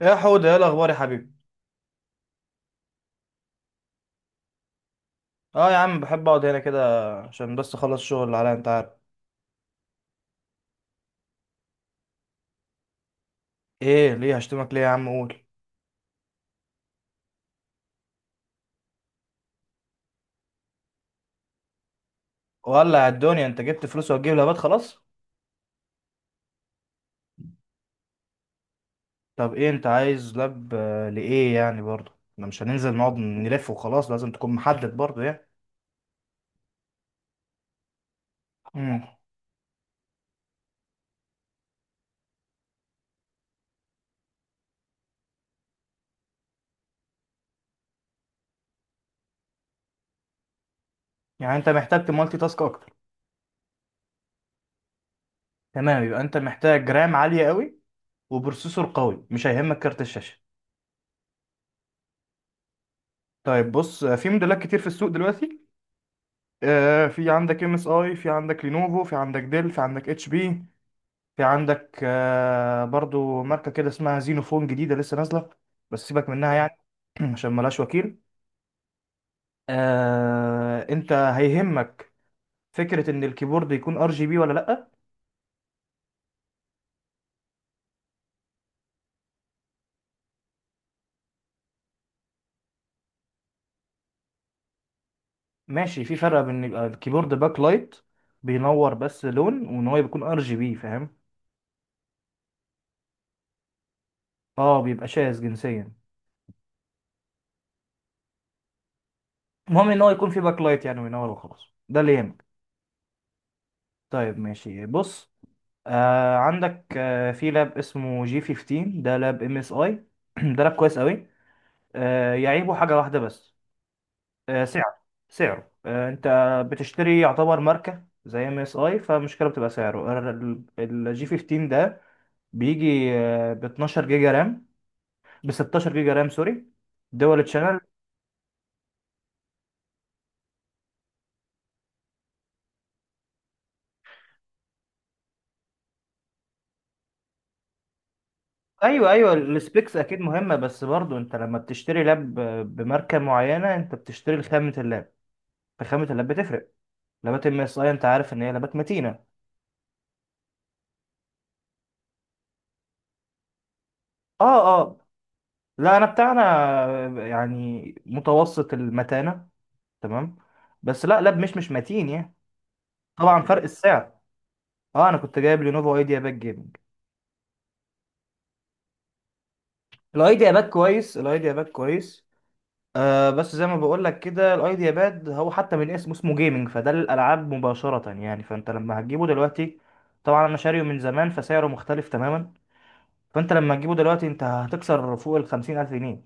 يا حودة ايه الاخبار يا حبيبي؟ اه يا عم، بحب اقعد هنا كده عشان بس اخلص الشغل اللي عليا، انت عارف. ايه ليه هشتمك ليه يا عم؟ قول. ولع الدنيا، انت جبت فلوس وهتجيب لابات؟ خلاص. طب ايه انت عايز لاب لايه يعني؟ برضه احنا مش هننزل نقعد نلف وخلاص، لازم تكون محدد برضه يعني. امم يعني انت محتاج تمالتي تاسك اكتر. تمام، يبقى انت محتاج رام عالية قوي وبروسيسور قوي، مش هيهمك كارت الشاشة. طيب بص، في موديلات كتير في السوق دلوقتي. في عندك ام اس اي، في عندك لينوفو، في عندك ديل، في عندك اتش بي. في عندك برضو ماركة كده اسمها زينوفون، جديدة لسه نازلة، بس سيبك منها يعني. عشان ملهاش وكيل. انت هيهمك فكرة ان الكيبورد يكون ار جي بي ولا لأ؟ ماشي، في فرق بين يبقى الكيبورد باك لايت، بينور بس لون، وان هو يكون ار جي بي، فاهم؟ اه بيبقى شاذ جنسيا. المهم ان هو يكون في باك لايت يعني وينور وخلاص، ده اللي يهمك. طيب ماشي، بص، آه عندك في لاب اسمه جي 15، ده لاب ام اس اي. ده لاب كويس قوي، يعيبه حاجة واحدة بس، سعر. سعره، انت بتشتري، يعتبر ماركة زي ام اس اي، فالمشكلة بتبقى سعره. الجي 15 ده بيجي ب 12 جيجا رام، ب 16 جيجا رام، سوري، دول تشانل. ايوه ايوه، السبيكس اكيد مهمة، بس برضو انت لما بتشتري لاب بماركة معينة، انت بتشتري خامة اللاب. فخامة اللاب بتفرق. لابات ام اس اي انت عارف ان هي لابات متينة. اه اه. لا، انا بتاعنا يعني متوسط المتانة، تمام، بس لا لاب مش متين يعني. طبعا فرق السعر. اه، انا كنت جايب لينوفو ايديا باد جيمنج. الايديا باد كويس، الايديا باد كويس، آه بس زي ما بقول لك كده، الايديا باد هو حتى من اسمه جيمنج، فده للالعاب مباشره يعني، فانت لما هتجيبه دلوقتي، طبعا انا شاريه من زمان فسعره مختلف تماما. فانت لما تجيبه دلوقتي، انت هتكسر فوق ال 50,000 الف جنيه.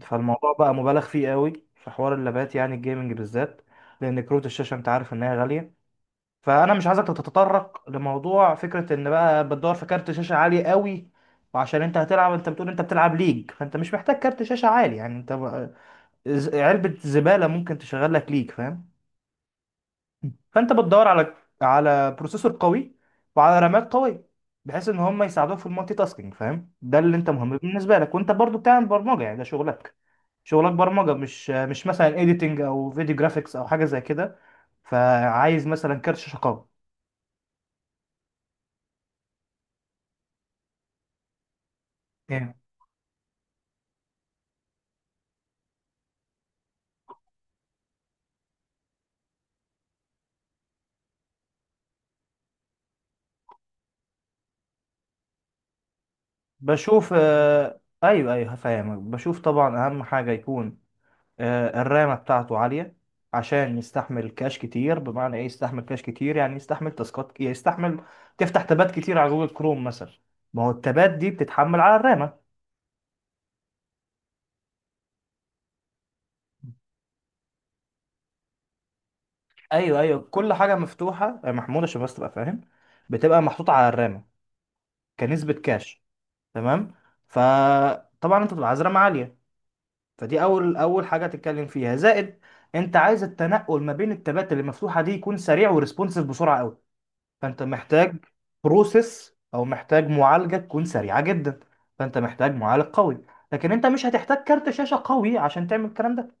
فالموضوع بقى مبالغ فيه قوي في حوار اللابات يعني، الجيمنج بالذات، لان كروت الشاشه انت عارف ان هي غاليه. فانا مش عايزك تتطرق لموضوع فكره ان بقى بتدور في كارت شاشه عالي قوي. وعشان انت هتلعب، انت بتقول انت بتلعب ليج، فانت مش محتاج كارت شاشه عالي يعني. انت علبه زباله ممكن تشغل لك ليج، فاهم؟ فانت بتدور على بروسيسور قوي وعلى رامات قويه، بحيث ان هم يساعدوك في المالتي تاسكينج، فاهم؟ ده اللي انت مهم بالنسبه لك، وانت برضو بتعمل برمجه يعني، ده شغلك. شغلك برمجه مش مثلا اديتنج او فيديو جرافيكس او حاجه زي كده، فعايز مثلا كارت شاشه قوي. بشوف، ايوه ايوه هفهمك. بشوف، طبعا اهم حاجه يكون الرامه بتاعته عاليه، عشان يستحمل كاش كتير. بمعنى ايه يستحمل كاش كتير؟ يعني يستحمل تاسكات، يعني يستحمل تفتح تابات كتير على جوجل كروم مثلا، ما هو التابات دي بتتحمل على الرامه. ايوه ايوه، كل حاجه مفتوحه يا محمود عشان بس تبقى فاهم، بتبقى محطوطه على الرامه كنسبه كاش. تمام. فطبعا انت بتبقى عايز رامه عاليه، فدي اول اول حاجه تتكلم فيها. زائد، انت عايز التنقل ما بين التابات اللي مفتوحه دي يكون سريع وريسبونسيف، بسرعه قوي، فانت محتاج بروسيس او محتاج معالجه تكون سريعه جدا، فانت محتاج معالج قوي. لكن انت مش هتحتاج كارت شاشه قوي عشان تعمل الكلام ده.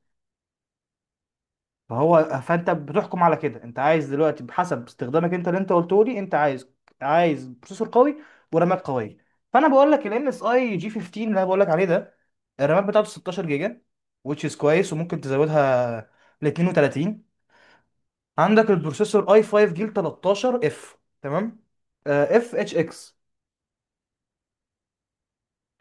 فانت بتحكم على كده، انت عايز دلوقتي بحسب استخدامك انت، اللي انت قلته لي، انت عايز بروسيسور قوي ورامات قويه. فانا بقول لك الام اس اي جي 15 اللي انا بقول لك عليه ده، الرامات بتاعته 16 جيجا، which is كويس، وممكن تزودها ل 32. عندك البروسيسور اي 5 جيل 13 اف، تمام، اف اتش اكس.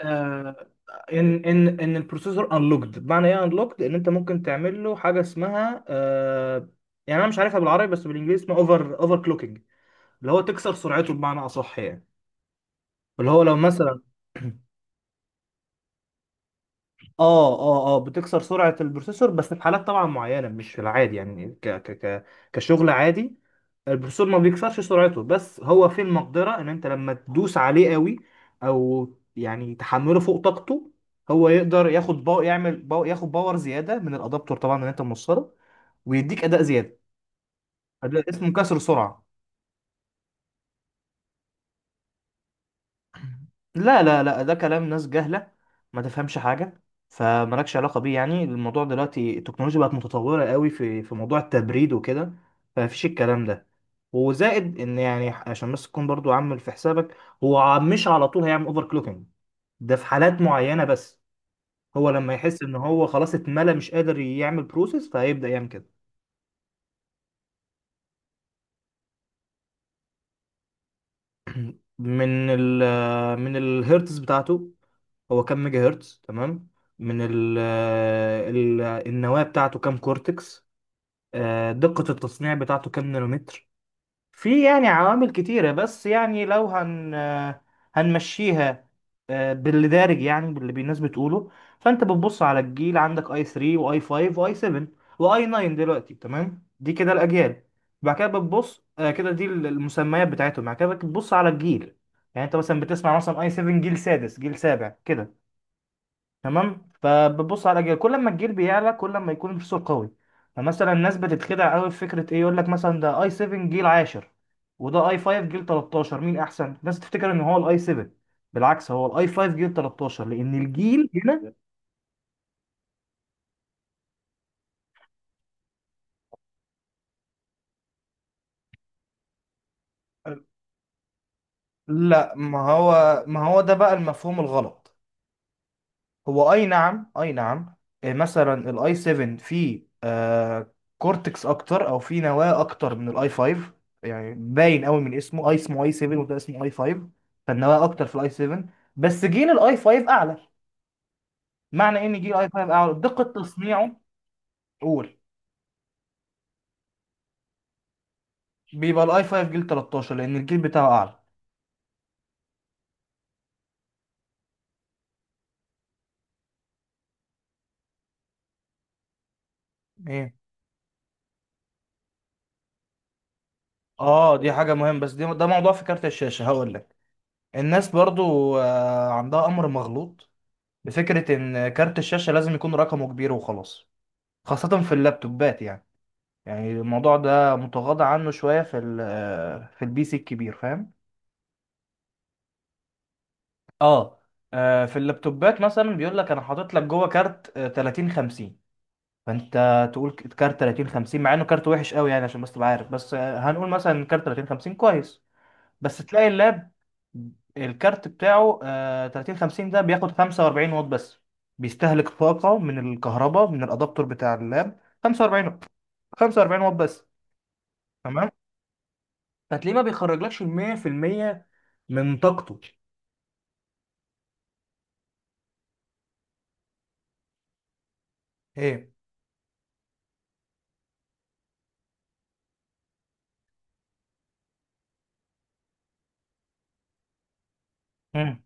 آه، ان البروسيسور انلوكد. بمعنى ايه انلوكد؟ ان انت ممكن تعمل له حاجه اسمها يعني انا مش عارفها بالعربي بس بالانجليزي اسمها اوفر كلوكينج، اللي هو تكسر سرعته بمعنى اصح يعني. اللي هو لو مثلا، اه بتكسر سرعة البروسيسور بس في حالات طبعا معينة، مش في العادي يعني، ك ك ك كشغل عادي البروسيسور ما بيكسرش سرعته، بس هو في المقدرة ان انت لما تدوس عليه قوي، او يعني تحمله فوق طاقته، هو يقدر ياخد باور زيادة من الادابتور طبعا اللي انت موصله، ويديك اداء زيادة. اداء اسمه كسر سرعة. لا، ده كلام ناس جهلة ما تفهمش حاجة، فمالكش علاقة بيه يعني. الموضوع دلوقتي التكنولوجيا بقت متطورة قوي في موضوع التبريد وكده، فمفيش الكلام ده. وزائد ان يعني عشان بس تكون برضو عامل في حسابك، هو مش على طول هيعمل اوفر كلوكينج، ده في حالات معينة بس، هو لما يحس ان هو خلاص اتملى مش قادر يعمل بروسيس فهيبدأ يعمل كده. من من الهيرتز بتاعته، هو كام ميجا هرتز، تمام، من ال ال النواة بتاعته كام كورتكس، دقة التصنيع بتاعته كام نانومتر. في يعني عوامل كتيرة، بس يعني لو هنمشيها باللي دارج يعني باللي الناس بتقوله، فانت بتبص على الجيل، عندك اي 3 واي 5 واي 7 واي 9 دلوقتي، تمام، دي كده الاجيال. بعد كده بتبص، كده دي المسميات بتاعتهم، بعد كده بتبص على الجيل، يعني انت مثلا بتسمع مثلا اي 7 جيل سادس جيل سابع كده. تمام، فبتبص على جيل، كل ما الجيل بيعلى كل ما يكون البروسيسور قوي. فمثلا الناس بتتخدع قوي في فكره ايه، يقول لك مثلا ده اي 7 جيل 10 وده اي 5 جيل 13، مين احسن؟ الناس تفتكر ان هو الاي 7، بالعكس هو الاي 5 جيل 13 لان الجيل هنا. لا، ما هو ده بقى المفهوم الغلط. هو اي نعم، اي نعم مثلا الاي 7 فيه آه كورتكس اكتر او فيه نواه اكتر من الاي 5، يعني باين قوي من اسمه، اسمه اي 7 وده اسمه اي 5، فالنواه اكتر في الاي 7، بس جيل الاي 5 اعلى، معنى ان جيل الاي 5 اعلى دقة تصنيعه. قول. بيبقى الاي 5 جيل 13 لان الجيل بتاعه اعلى. ايه؟ اه دي حاجة مهمة، بس دي ده موضوع في كارت الشاشة، هقول لك. الناس برضو آه عندها امر مغلوط بفكرة إن كارت الشاشة لازم يكون رقمه كبير وخلاص، خاصة في اللابتوبات يعني. يعني الموضوع ده متغاضى عنه شوية في في البي سي الكبير، فاهم؟ اه في اللابتوبات مثلا بيقول لك أنا حاطط لك جوه كارت 30 50، فأنت تقول كارت 30 50، مع إنه كارت وحش قوي. يعني عشان بس تبقى عارف، بس هنقول مثلا كارت 30 50 كويس، بس تلاقي اللاب الكارت بتاعه آه 30 50 ده بياخد 45 واط بس، بيستهلك طاقة من الكهرباء من الادابتور بتاع اللاب 45 واط، 45 واط بس. تمام، فتلاقيه ما بيخرجلكش ال 100% من طاقته. ايه؟ امم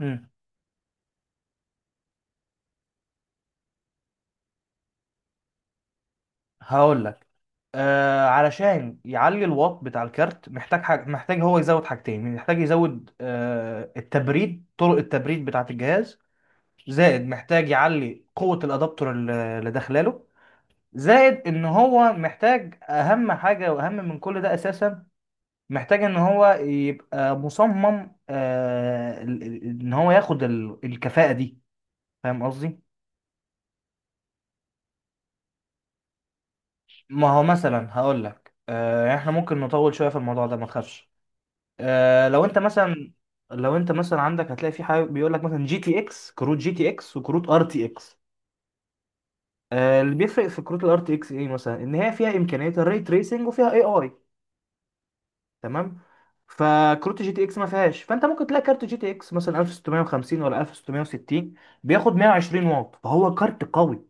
امم هقول لك، آه علشان يعلي الواط بتاع الكارت محتاج حاجة، محتاج هو يزود حاجتين، محتاج يزود آه التبريد، طرق التبريد بتاعة الجهاز، زائد محتاج يعلي قوة الأدابتور اللي داخلاله، زائد إن هو محتاج أهم حاجة وأهم من كل ده أساسا، محتاج إن هو يبقى مصمم آه إن هو ياخد الكفاءة دي، فاهم قصدي؟ ما هو مثلا هقول لك آه، إحنا ممكن نطول شوية في الموضوع ده ما تخافش. آه لو أنت مثلا عندك، هتلاقي في حاجة بيقول لك مثلا جي تي إكس، كروت جي تي إكس وكروت ار تي إكس، اللي بيفرق في كروت الار تي اكس ايه مثلا؟ ان هي فيها امكانيه الري تريسنج وفيها اي اي. تمام، فكروت جي تي اكس ما فيهاش، فانت ممكن تلاقي كارت جي تي اكس مثلا 1650 ولا 1660 بياخد 120 واط، فهو كارت قوي،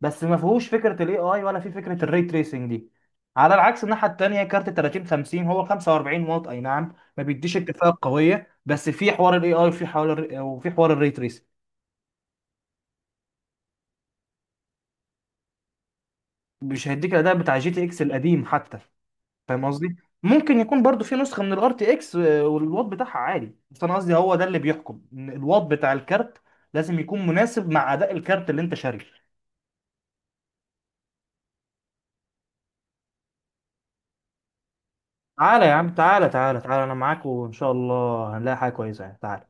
بس ما فيهوش فكره الاي اي ولا في فكره الري تريسنج دي. على العكس، الناحيه التانيه كارت 3050 هو 45 واط، اي نعم ما بيديش الكفاءه القويه، بس في حوار الاي اي وفي حوار الري تريسنج. مش هيديك الاداء بتاع جي تي اكس القديم حتى، فاهم قصدي؟ ممكن يكون برضو في نسخه من الار تي اكس والواط بتاعها عالي، بس انا قصدي هو ده اللي بيحكم، ان الواط بتاع الكارت لازم يكون مناسب مع اداء الكارت اللي انت شاريه. تعالى يا عم، تعالى تعالى تعالى، انا معاك وان شاء الله هنلاقي حاجه كويسه يعني، تعالى.